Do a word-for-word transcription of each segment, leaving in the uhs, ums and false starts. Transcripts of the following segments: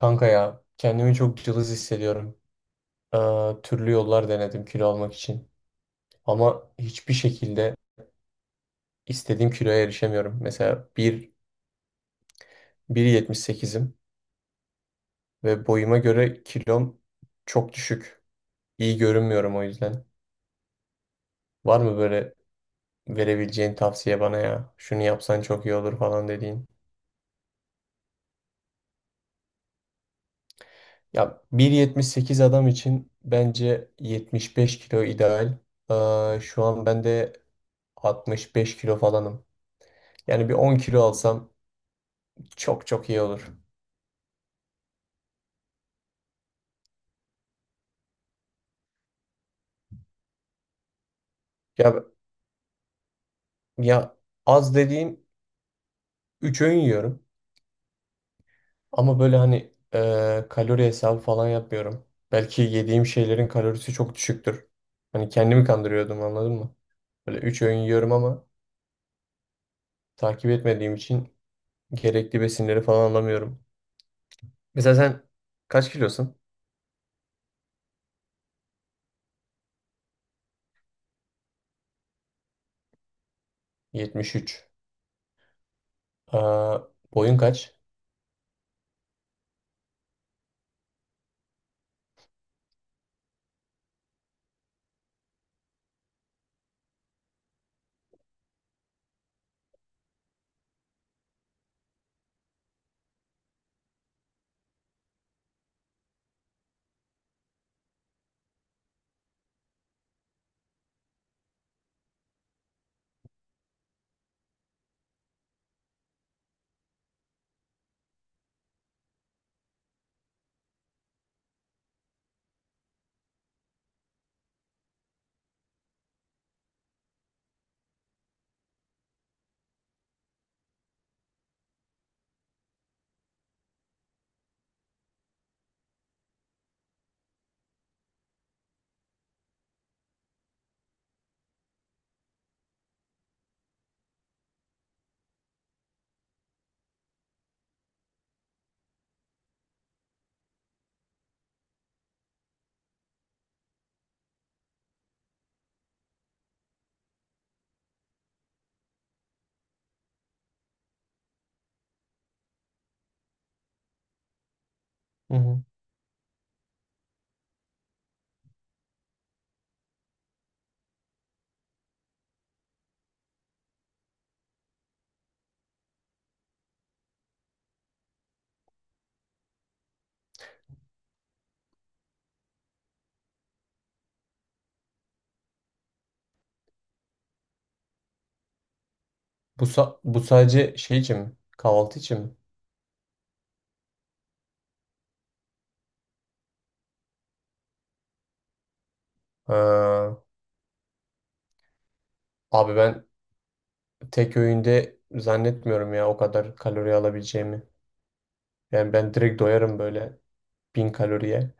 Kanka ya kendimi çok cılız hissediyorum. Ee, türlü yollar denedim kilo almak için. Ama hiçbir şekilde istediğim kiloya erişemiyorum. Mesela bir, bir nokta yetmiş sekizim ve boyuma göre kilom çok düşük. İyi görünmüyorum o yüzden. Var mı böyle verebileceğin tavsiye bana ya? Şunu yapsan çok iyi olur falan dediğin. Ya bir nokta yetmiş sekiz adam için bence yetmiş beş kilo ideal. Ee, şu an ben de altmış beş kilo falanım. Yani bir on kilo alsam Çok çok iyi olur. Ya ya az dediğim üç öğün yiyorum. Ama böyle hani e, kalori hesabı falan yapmıyorum. Belki yediğim şeylerin kalorisi çok düşüktür. Hani kendimi kandırıyordum, anladın mı? Böyle üç öğün yiyorum ama takip etmediğim için gerekli besinleri falan alamıyorum. Mesela sen kaç kilosun? yetmiş üç. Aa, boyun kaç? Hı hı. Bu, sa- bu sadece şey için mi? Kahvaltı için mi? Aa, abi ben tek öğünde zannetmiyorum ya o kadar kalori alabileceğimi. Yani ben direkt doyarım böyle bin kaloriye.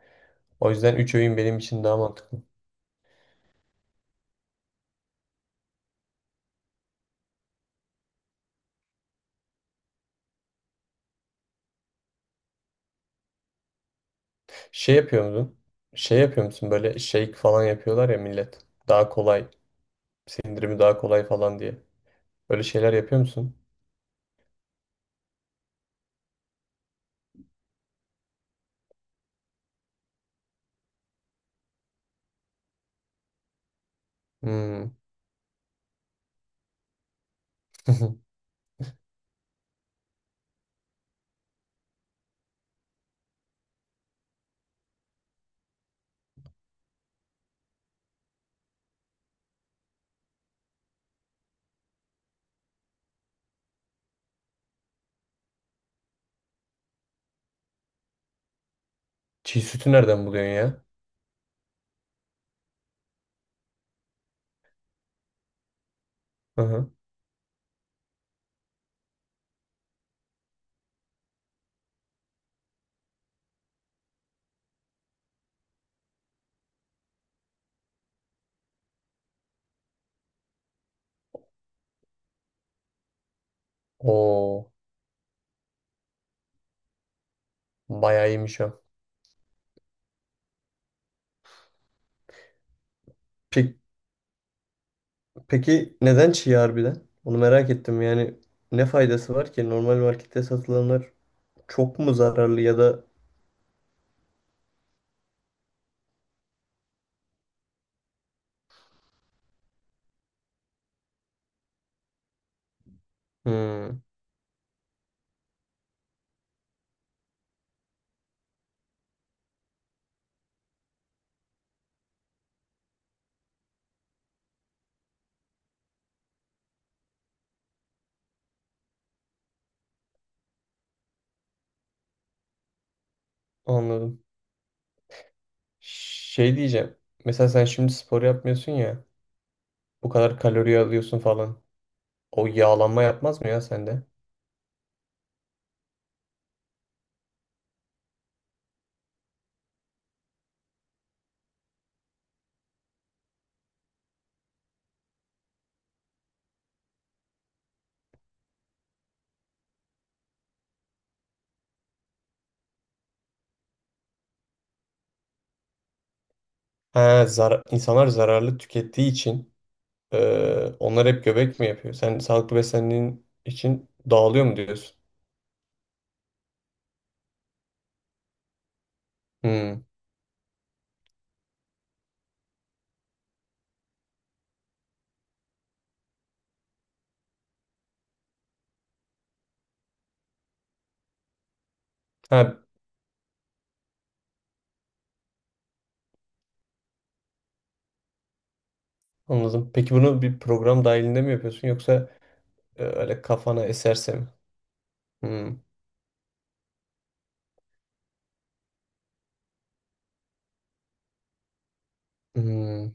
O yüzden üç öğün benim için daha mantıklı. Şey yapıyor musun? Şey yapıyor musun, böyle shake falan yapıyorlar ya millet. Daha kolay. Sindirimi daha kolay falan diye. Öyle şeyler yapıyor musun? Hmm. Çiğ sütü nereden buluyorsun ya? Hı hı. Oo, bayağı iyiymiş o. Peki, peki neden çiğ harbiden? Onu merak ettim yani. Ne faydası var ki? Normal markette satılanlar çok mu zararlı, ya da. Hmm, anladım. Şey diyeceğim. Mesela sen şimdi spor yapmıyorsun ya. Bu kadar kalori alıyorsun falan. O yağlanma yapmaz mı ya sende? Ha, zar insanlar zararlı tükettiği için eee, onlar hep göbek mi yapıyor? Sen sağlıklı beslendiğin için dağılıyor mu diyorsun? Hmm. Ha, anladım. Peki bunu bir program dahilinde mi yapıyorsun, yoksa eee, öyle kafana eserse mi? Hmm. Hmm.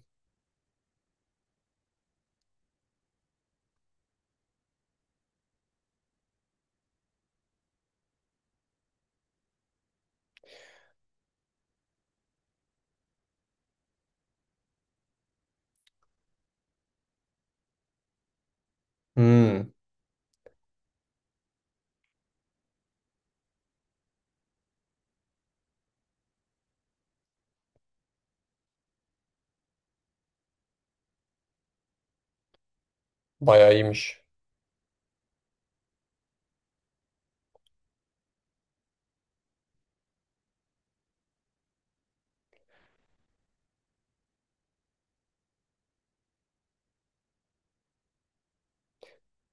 Hmm. Bayağı iyiymiş.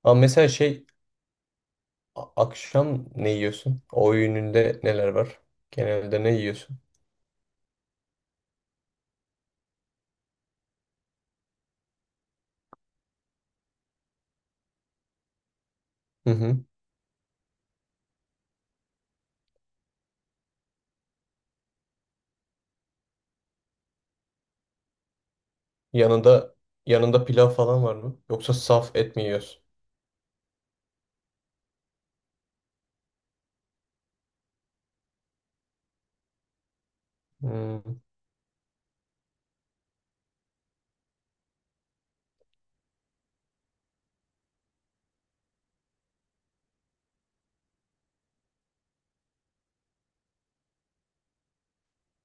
Ama mesela şey. A- Akşam ne yiyorsun? O öğününde neler var? Genelde ne yiyorsun? Hı hı. Yanında yanında pilav falan var mı? Yoksa saf et mi yiyorsun? Hmm.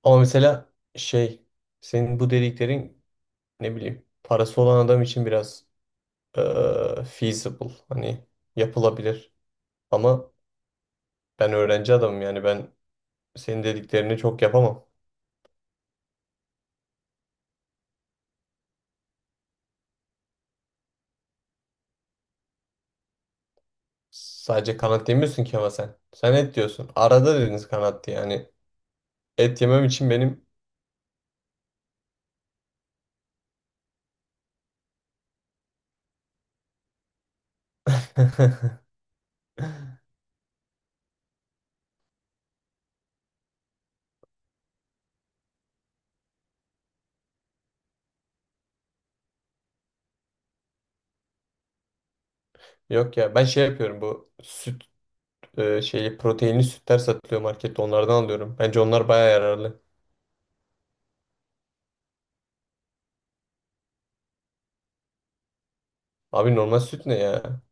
Ama mesela şey, senin bu dediklerin, ne bileyim, parası olan adam için biraz eee, feasible, hani yapılabilir. Ama ben öğrenci adamım, yani ben senin dediklerini çok yapamam. Sadece kanat demiyorsun ki ama sen. Sen et diyorsun. Arada dediniz kanat diye yani. Et yemem için benim. Yok ya, ben şey yapıyorum, bu süt e, şeyi, proteinli sütler satılıyor markette, onlardan alıyorum. Bence onlar baya yararlı. Abi normal süt ne ya?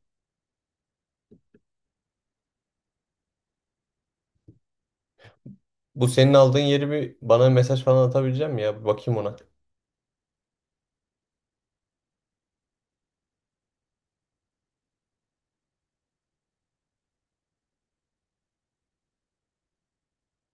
Bu senin aldığın yeri bir bana mesaj falan atabilecek misin ya? Bir bakayım ona.